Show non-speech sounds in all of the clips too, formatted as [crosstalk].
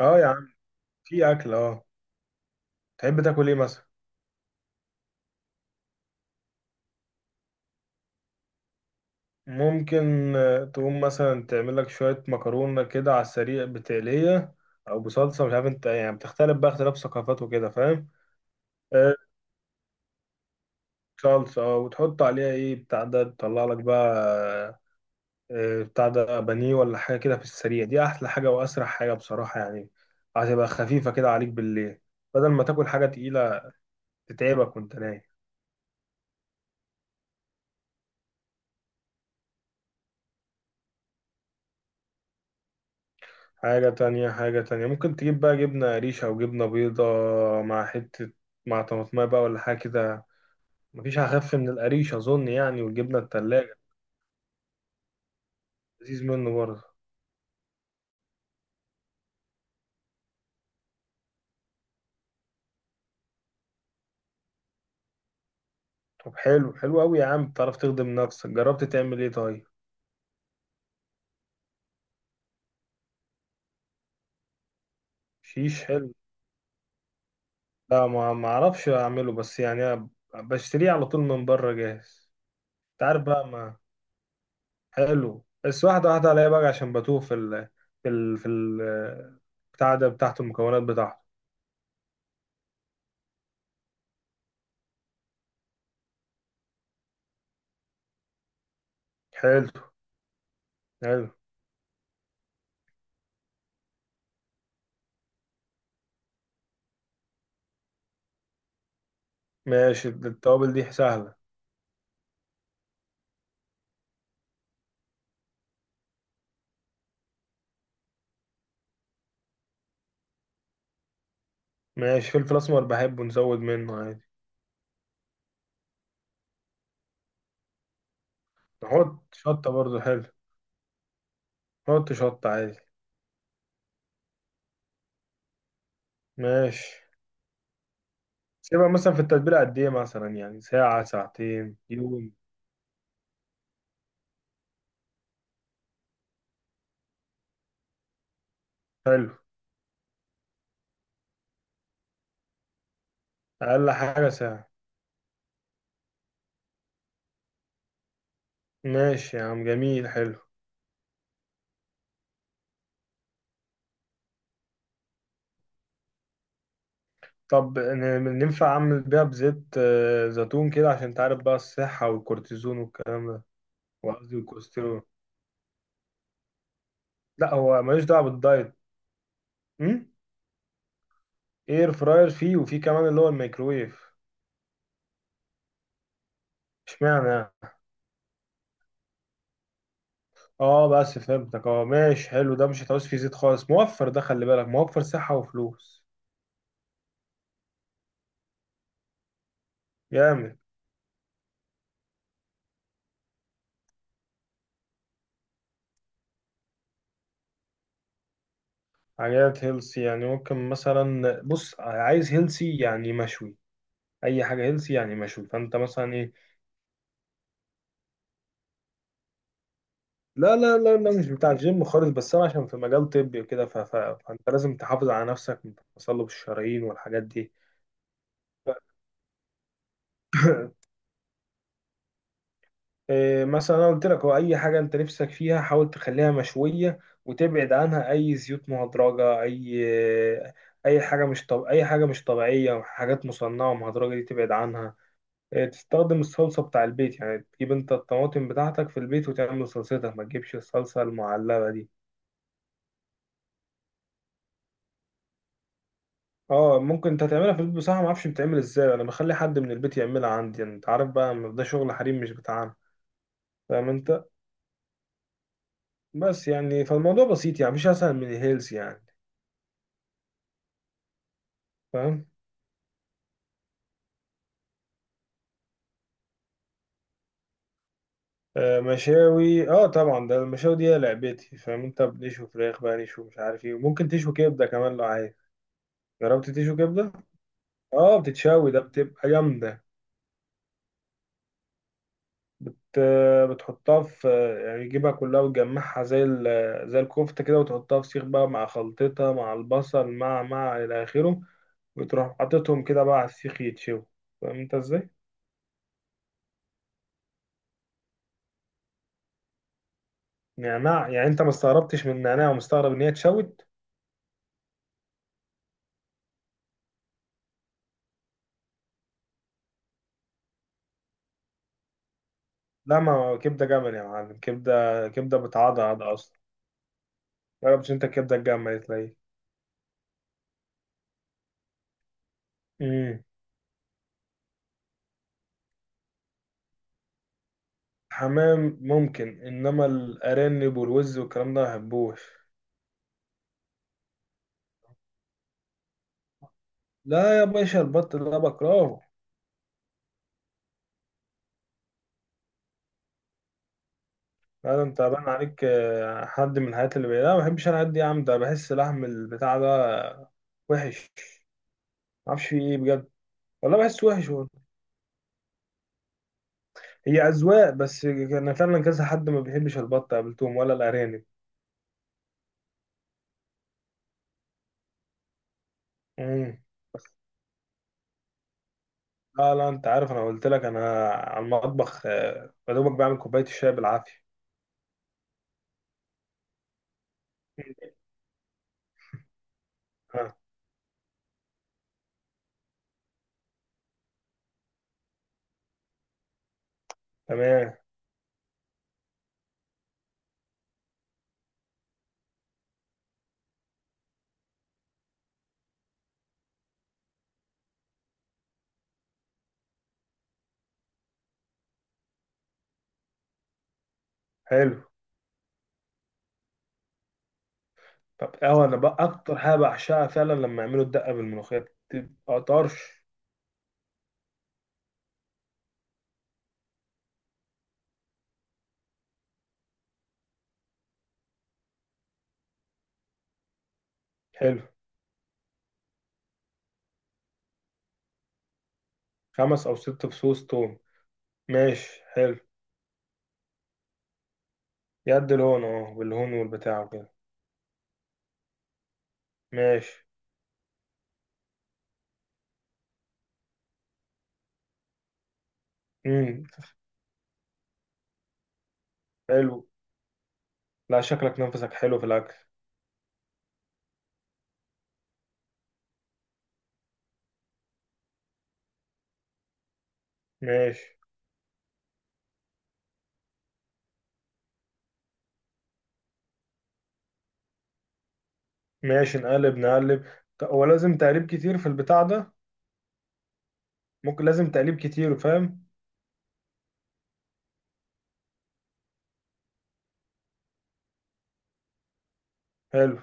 اه يا عم، في اكل. اه تحب تاكل ايه مثلا؟ ممكن. تقوم مثلا تعمل لك شويه مكرونه كده على السريع بتقليه او بصلصه، مش عارف انت، يعني بتختلف بقى، اختلاف ثقافات وكده، فاهم؟ آه، صلصه، اه، وتحط عليها ايه بتاع ده، تطلع لك بقى بتاع ده بانيه ولا حاجه كده. في السريع دي احلى حاجه واسرع حاجه بصراحه يعني. هتبقى خفيفه كده عليك بالليل، بدل ما تاكل حاجه تقيله تتعبك وانت نايم. حاجة تانية، حاجة تانية ممكن تجيب بقى جبنة قريش أو جبنة بيضة مع حتة، مع طماطمية بقى ولا حاجة كده. مفيش أخف من القريش أظن يعني، والجبنة التلاجة لذيذ منه برضه. طب حلو، حلو أوي يا عم، بتعرف تخدم نفسك. جربت تعمل إيه طيب؟ شيش حلو. لا، ما أعرفش أعمله، بس يعني أنا بشتريه على طول من بره جاهز. أنت عارف بقى. ما حلو، بس واحدة واحدة عليا بقى عشان بتوه في ال بتاع ده، بتاعته، المكونات بتاعته. حلو. حلو. ماشي، التوابل دي سهلة. ماشي، فلفل أسمر بحبه، نزود منه عادي. نحط شطة برضو، حلو. نحط شطة عادي. ماشي. سيبها مثلا في التتبيلة قد إيه مثلا؟ يعني ساعة، ساعتين، يوم؟ حلو. أقل حاجة ساعة. ماشي يا عم، جميل، حلو. طب ننفع أعمل بيها بزيت زيتون كده، عشان تعرف بقى، الصحة والكورتيزون والكلام ده، وقصدي الكوليسترول. لا هو ملوش دعوة بالدايت. م? إير فراير فيه، وفيه كمان اللي هو الميكرويف. اشمعنى يعني؟ اه بس فهمتك، اه ماشي حلو، ده مش هتعوز فيه زيت خالص، موفر، ده خلي بالك، موفر صحة وفلوس. جامد. حاجات هيلسي يعني؟ ممكن مثلا، بص، عايز هيلسي يعني مشوي. اي حاجة هيلسي يعني مشوي، فانت مثلا ايه؟ لا لا لا لا، مش بتاع الجيم خالص، بس انا عشان في مجال طبي وكده، فانت لازم تحافظ على نفسك من التصلب الشرايين والحاجات دي. مثلا انا قلت لك، هو اي حاجه انت نفسك فيها حاول تخليها مشويه، وتبعد عنها اي زيوت مهدرجه، اي آه، اي حاجه مش طب... اي حاجه مش طبيعيه، حاجات مصنعه مهدرجه دي تبعد عنها. تستخدم الصلصه بتاع البيت، يعني تجيب انت الطماطم بتاعتك في البيت وتعمل صلصتها، ما تجيبش الصلصه المعلبه دي. اه ممكن انت تعملها في البيت، بصراحه ما اعرفش بتعمل ازاي، انا بخلي حد من البيت يعملها عندي، يعني انت عارف بقى ده شغل حريم مش بتاعنا، فاهم انت؟ بس يعني فالموضوع بسيط يعني، مش اسهل من الهيلز يعني، فاهم. مشاوي، اه طبعا، ده المشاوي دي هي لعبتي، فاهم انت، بنشوي فراخ بقى، نشوي مش عارف ايه، وممكن تشوي كبده كمان لو عايز. جربت تشوي كبده؟ اه بتتشوي، ده بتبقى جامده. بت... آه، بتحطها في، يعني تجيبها كلها وتجمعها زي ال... آه، زي الكفته كده، وتحطها في سيخ بقى، مع خلطتها، مع البصل، مع الى اخره، وتروح حاططهم كده بقى على السيخ يتشوي، فاهم انت ازاي؟ نعناع؟ يعني انت ما استغربتش من النعناع، ومستغرب ان هي اتشوت؟ لا ما هو كبده جمل يا معلم، كبده، كبده بتعضعض اصلا. جربتش انت الكبده الجامه دي تلاقيه. امم. حمام ممكن، انما الارانب والوز والكلام ده ما بحبوش. لا يا باشا، البط ده بكرهه. لا ده انت بان عليك حد من الحاجات اللي لا، ما بحبش انا الحاجات دي يا عم، ده بحس لحم البتاع ده وحش. ما اعرفش فيه ايه بجد. والله بحس وحش والله. هي اذواق، بس انا فعلا كذا حد ما بيحبش البط قابلتهم، ولا الارانب. امم. لا لا، انت عارف، انا قلت لك انا على المطبخ يا دوبك بعمل كوبايه الشاي بالعافيه. آه. تمام. حلو. طب اه، انا بقى اكتر حاجه بعشقها فعلا لما يعملوا الدقه بالملوخيه، بتبقى طرش. حلو. خمس او ست فصوص توم. ماشي حلو. يد الهون اهو، بالهون والبتاع وكده. ماشي. امم. حلو. لا شكلك نفسك حلو في الاكل. ماشي. ماشي، نقلب، نقلب. هو لازم تقليب كتير في البتاع ده؟ ممكن لازم تقليب كتير، فاهم. حلو.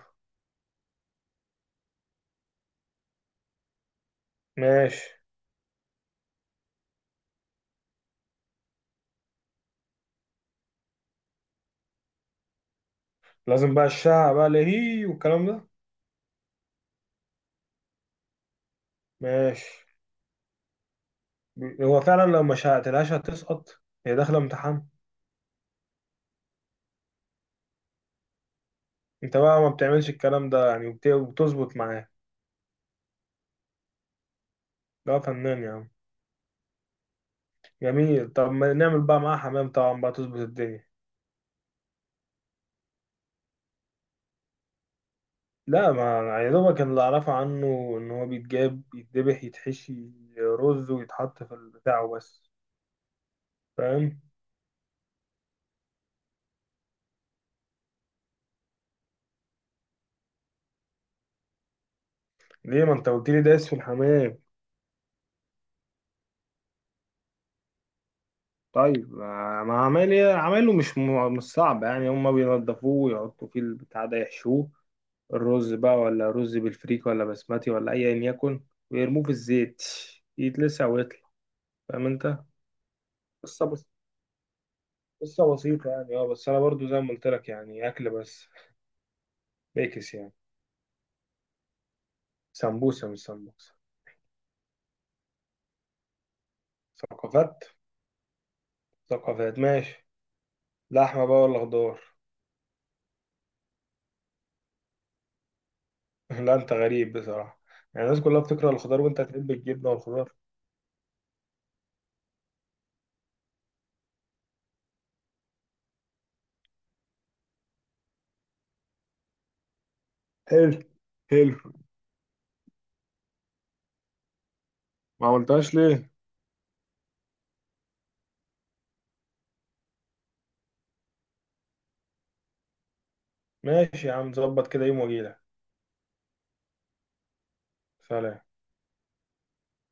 ماشي. لازم بقى الشعر بقى لهي والكلام ده. ماشي. هو فعلا لو ما شعتلهاش هتسقط، هي داخله امتحان. انت بقى ما بتعملش الكلام ده يعني، وبتظبط معاه؟ لا فنان يا عم، جميل. طب ما نعمل بقى معاه حمام طبعا بقى، تظبط الدنيا. لا، ما يا دوبك اللي اعرفه عنه، ان هو بيتجاب، يتذبح، يتحشي رز، ويتحط في البتاع وبس، فاهم؟ ليه، ما انت قلت لي دايس في الحمام. طيب، ما عمال عمايله، مش مش صعب يعني، هما بينضفوه ويحطوا فيه البتاع ده، يحشوه الرز بقى، ولا رز بالفريك، ولا بسمتي، ولا ايا يكن، ويرموه في الزيت، يتلسع ويطلع، فاهم انت. قصة بس، قصة بسيطة يعني، اه بس أنا برضو زي ما قلت لك يعني، أكل بس. ميكس يعني؟ سمبوسة مش سمبوسة. ثقافات. ثقافات، ماشي. لحمة بقى ولا خضار؟ [laughs] لا أنت غريب بصراحة، يعني الناس كلها بتكره الخضار، وأنت تحب الجبنة والخضار. حلو، حلو. ما عملتهاش ليه؟ ماشي يا عم، ظبط كده، يوم وأجيلك. سلام.